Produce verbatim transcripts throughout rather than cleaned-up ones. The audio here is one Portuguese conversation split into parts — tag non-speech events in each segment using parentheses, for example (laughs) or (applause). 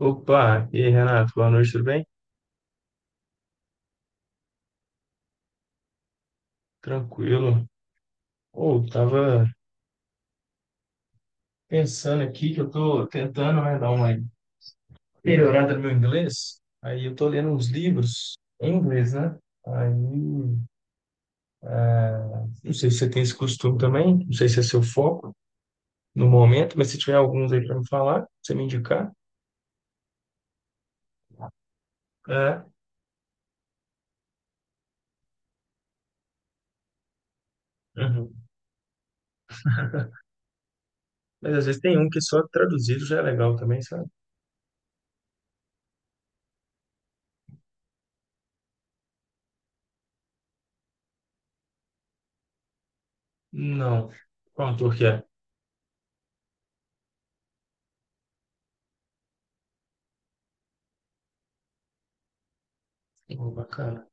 Opa, e aí, Renato, boa noite, tudo bem? Tranquilo. Ou tava pensando aqui que eu tô tentando, né, dar uma melhorada no meu inglês. Aí eu tô lendo uns livros em inglês, né? Aí, não sei se você tem esse costume também, não sei se é seu foco no momento, mas se tiver alguns aí para me falar, pra você me indicar. É. Uhum. Mas às vezes tem um que só traduzido já é legal também, sabe? Não. Qual autor que é? Oh, bacana.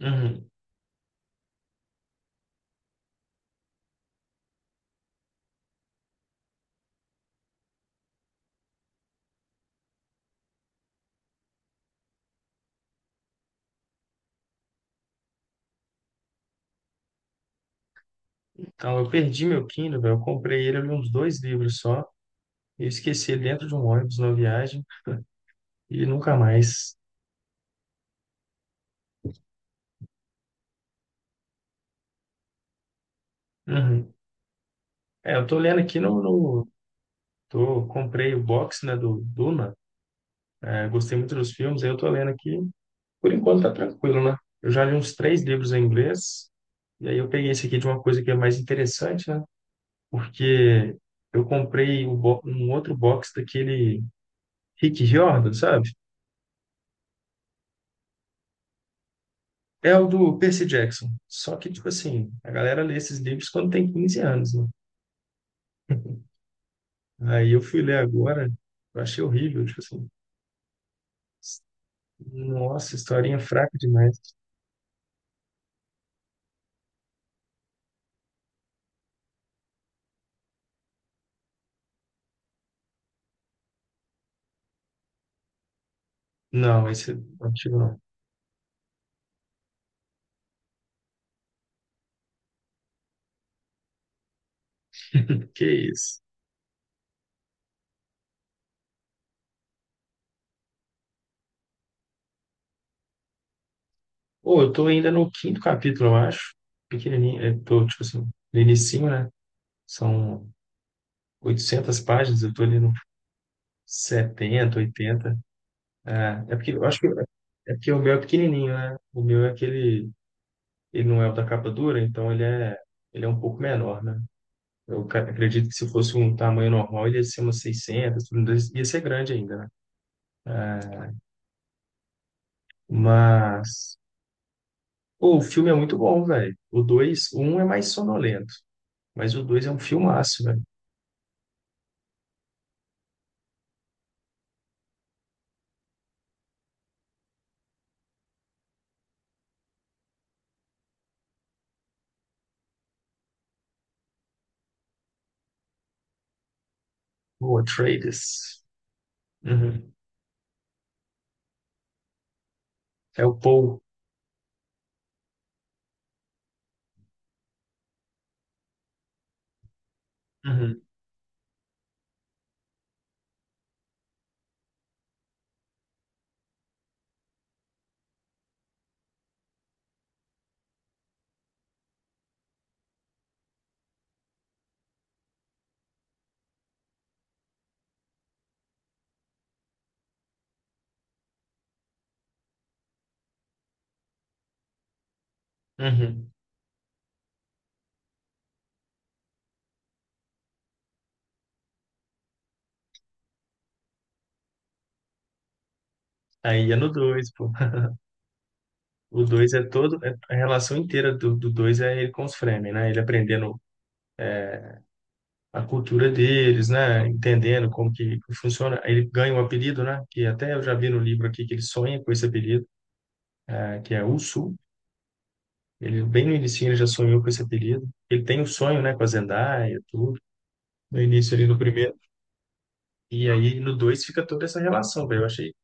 Uhum. Então, eu perdi meu Kindle, velho. Eu comprei ele, eu li uns dois livros só. Eu esqueci ele dentro de um ônibus na viagem e nunca mais. Uhum. É, eu tô lendo aqui no, no- tô, comprei o box, né, do Duna. É, gostei muito dos filmes, aí eu tô lendo aqui. Por enquanto tá tranquilo, né? Eu já li uns três livros em inglês. E aí eu peguei esse aqui de uma coisa que é mais interessante, né? Porque eu comprei o bo- um outro box daquele Rick Riordan, sabe? É o do Percy Jackson. Só que, tipo assim, a galera lê esses livros quando tem quinze anos, né? Aí eu fui ler agora, eu achei horrível, tipo assim, nossa, historinha fraca demais. Não, esse não tive não. (laughs) Que isso. Pô, eu tô ainda no quinto capítulo, eu acho. Pequenininho, eu tô, tipo assim, no inicinho, né? São oitocentas páginas, eu tô ali no setenta, oitenta. É, é porque eu acho que é porque o meu é pequenininho, né? O meu é aquele. Ele não é o da capa dura, então ele é, ele é um pouco menor, né? Eu ca- acredito que se fosse um tamanho normal, ele ia ser umas seiscentas, tudo mais, ia ser grande ainda, né? É, mas, pô, o filme é muito bom, velho. O dois o um é mais sonolento, mas o dois é um filmaço, velho. O Atreides. Uhum. É o Paul. Uhum. Uhum. Aí é no dois pô. (laughs) O dois é todo, é- a relação inteira do do dois é ele com os Fremen, né? Ele aprendendo a cultura deles, né? Entendendo como que funciona. Aí ele ganha um apelido, né? Que até eu já vi no livro aqui que ele sonha com esse apelido, eh, que é Usu. Ele bem no início ele já sonhou com esse apelido. Ele tem um sonho, né, com a Zendaya, tudo. No início ali no primeiro. E aí no dois fica toda essa relação, velho. Eu achei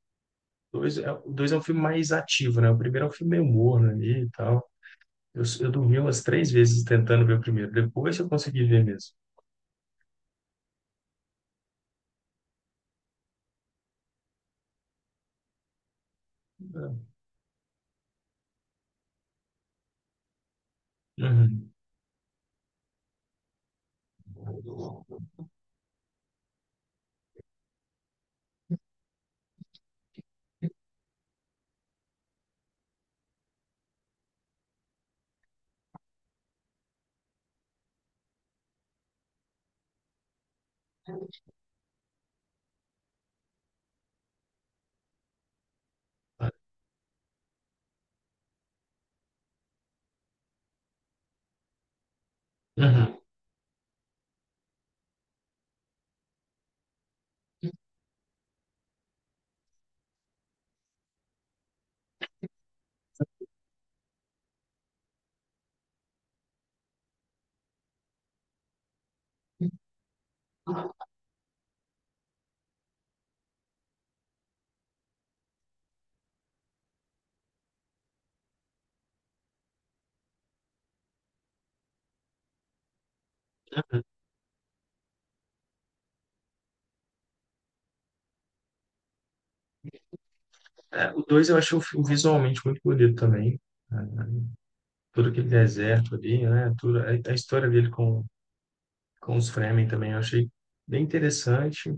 dois, é- o dois é um filme mais ativo, né? O primeiro é um filme meio morno ali e tal. Eu, eu dormi umas três vezes tentando ver o primeiro. Depois eu consegui ver mesmo. É. Uhum. Uhum. É, o dois eu achei o filme visualmente muito bonito também, né? Todo aquele deserto ali, né? Tudo, a, a história dele com, com os Fremen também eu achei bem interessante.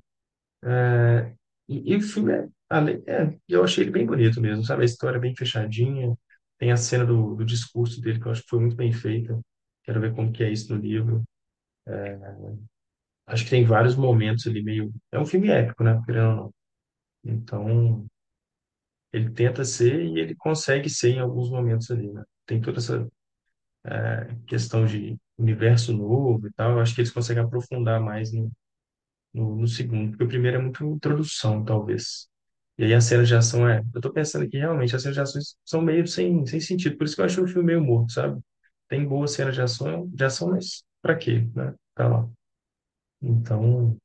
É, e, e o filme, é, além- é, eu achei ele bem bonito mesmo, sabe? A história é bem fechadinha. Tem a cena do, do discurso dele que eu acho que foi muito bem feita. Quero ver como que é isso no livro. Acho que tem vários momentos ali meio. É um filme épico, né? Querendo ou não. Então, ele tenta ser e ele consegue ser em alguns momentos ali, né? Tem toda essa questão de universo novo e tal, eu acho que eles conseguem aprofundar mais no, no, no segundo, porque o primeiro é muito introdução, talvez. E aí as cenas de ação é. Eu tô pensando que realmente as cenas de ação são meio sem, sem sentido, por isso que eu achei o filme meio morto, sabe? Tem boas cenas de ação, de ação, mas pra quê, né? Tá lá. Então,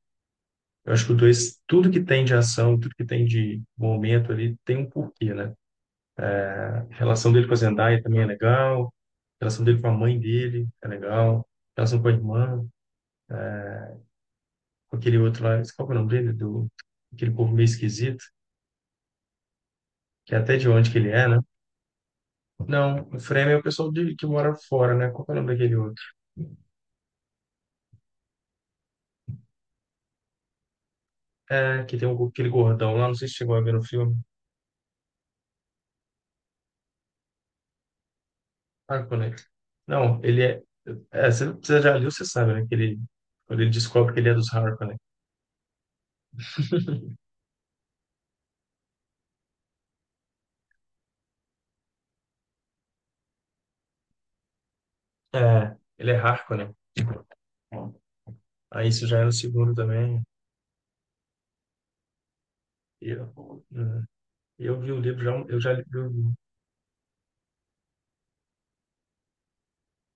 eu acho que o dois, tudo que tem de ação, tudo que tem de momento ali, tem um porquê, né? A relação dele com a Zendaya também é legal, a relação dele com a mãe dele é legal, a relação com a irmã, com aquele outro lá, qual que é o nome dele? Do, aquele povo meio esquisito, que é até de onde que ele é, né? Não, o Frame é o pessoal de, que mora fora, né? Qual que é o nome daquele outro? É, que tem um, aquele gordão lá, não sei se chegou a ver no filme. Ah, conecta. Não, ele é. é, você, você já leu, você sabe, né? Que ele, quando ele descobre que ele é dos Harkonnen. (laughs) É, ele é Harkonnen. Aí isso já é no segundo também. E Eu, é, eu vi o livro, já, eu já li, eu.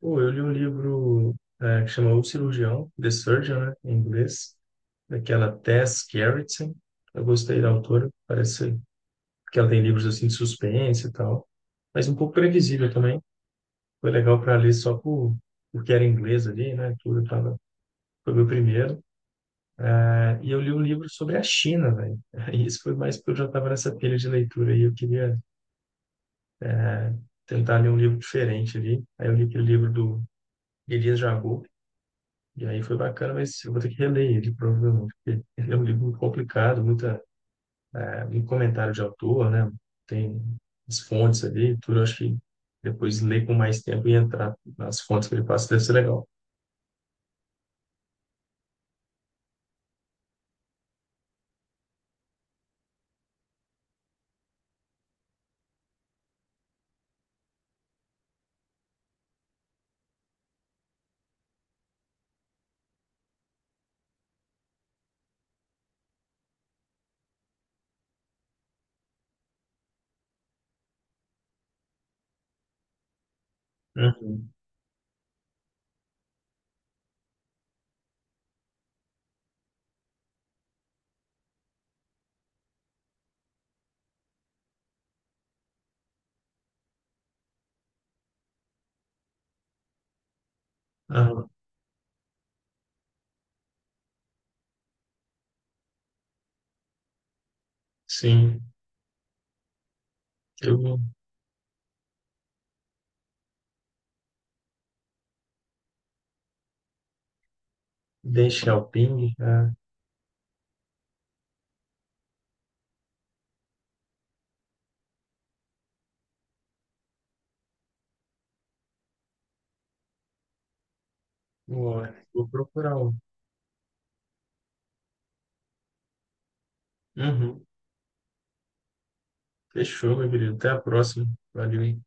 Pô, eu li um livro é, que chama O Cirurgião, The Surgeon, né, em inglês, daquela Tess Gerritsen. Eu gostei da autora, parece que ela tem livros assim de suspense e tal, mas um pouco previsível também. Foi legal para ler só por, porque era inglês ali, né? Tudo tava, foi meu primeiro. É, e eu li um livro sobre a China, velho. Aí isso foi mais porque eu já estava nessa pilha de leitura e eu queria tentar ler um livro diferente ali. Aí eu li aquele livro do Elias Jabbour, e aí foi bacana, mas eu vou ter que reler ele, provavelmente, porque ele é um livro muito complicado, muita, é, muito comentário de autor, né? Tem as fontes ali, e tudo. Eu acho que depois ler com mais tempo e entrar nas fontes que ele passa deve ser legal. Uhum. Ah, sim. Eu deixei o ping, ah, vou vou procurar um. Uhum. Fechou, meu querido. Até a próxima. Valeu.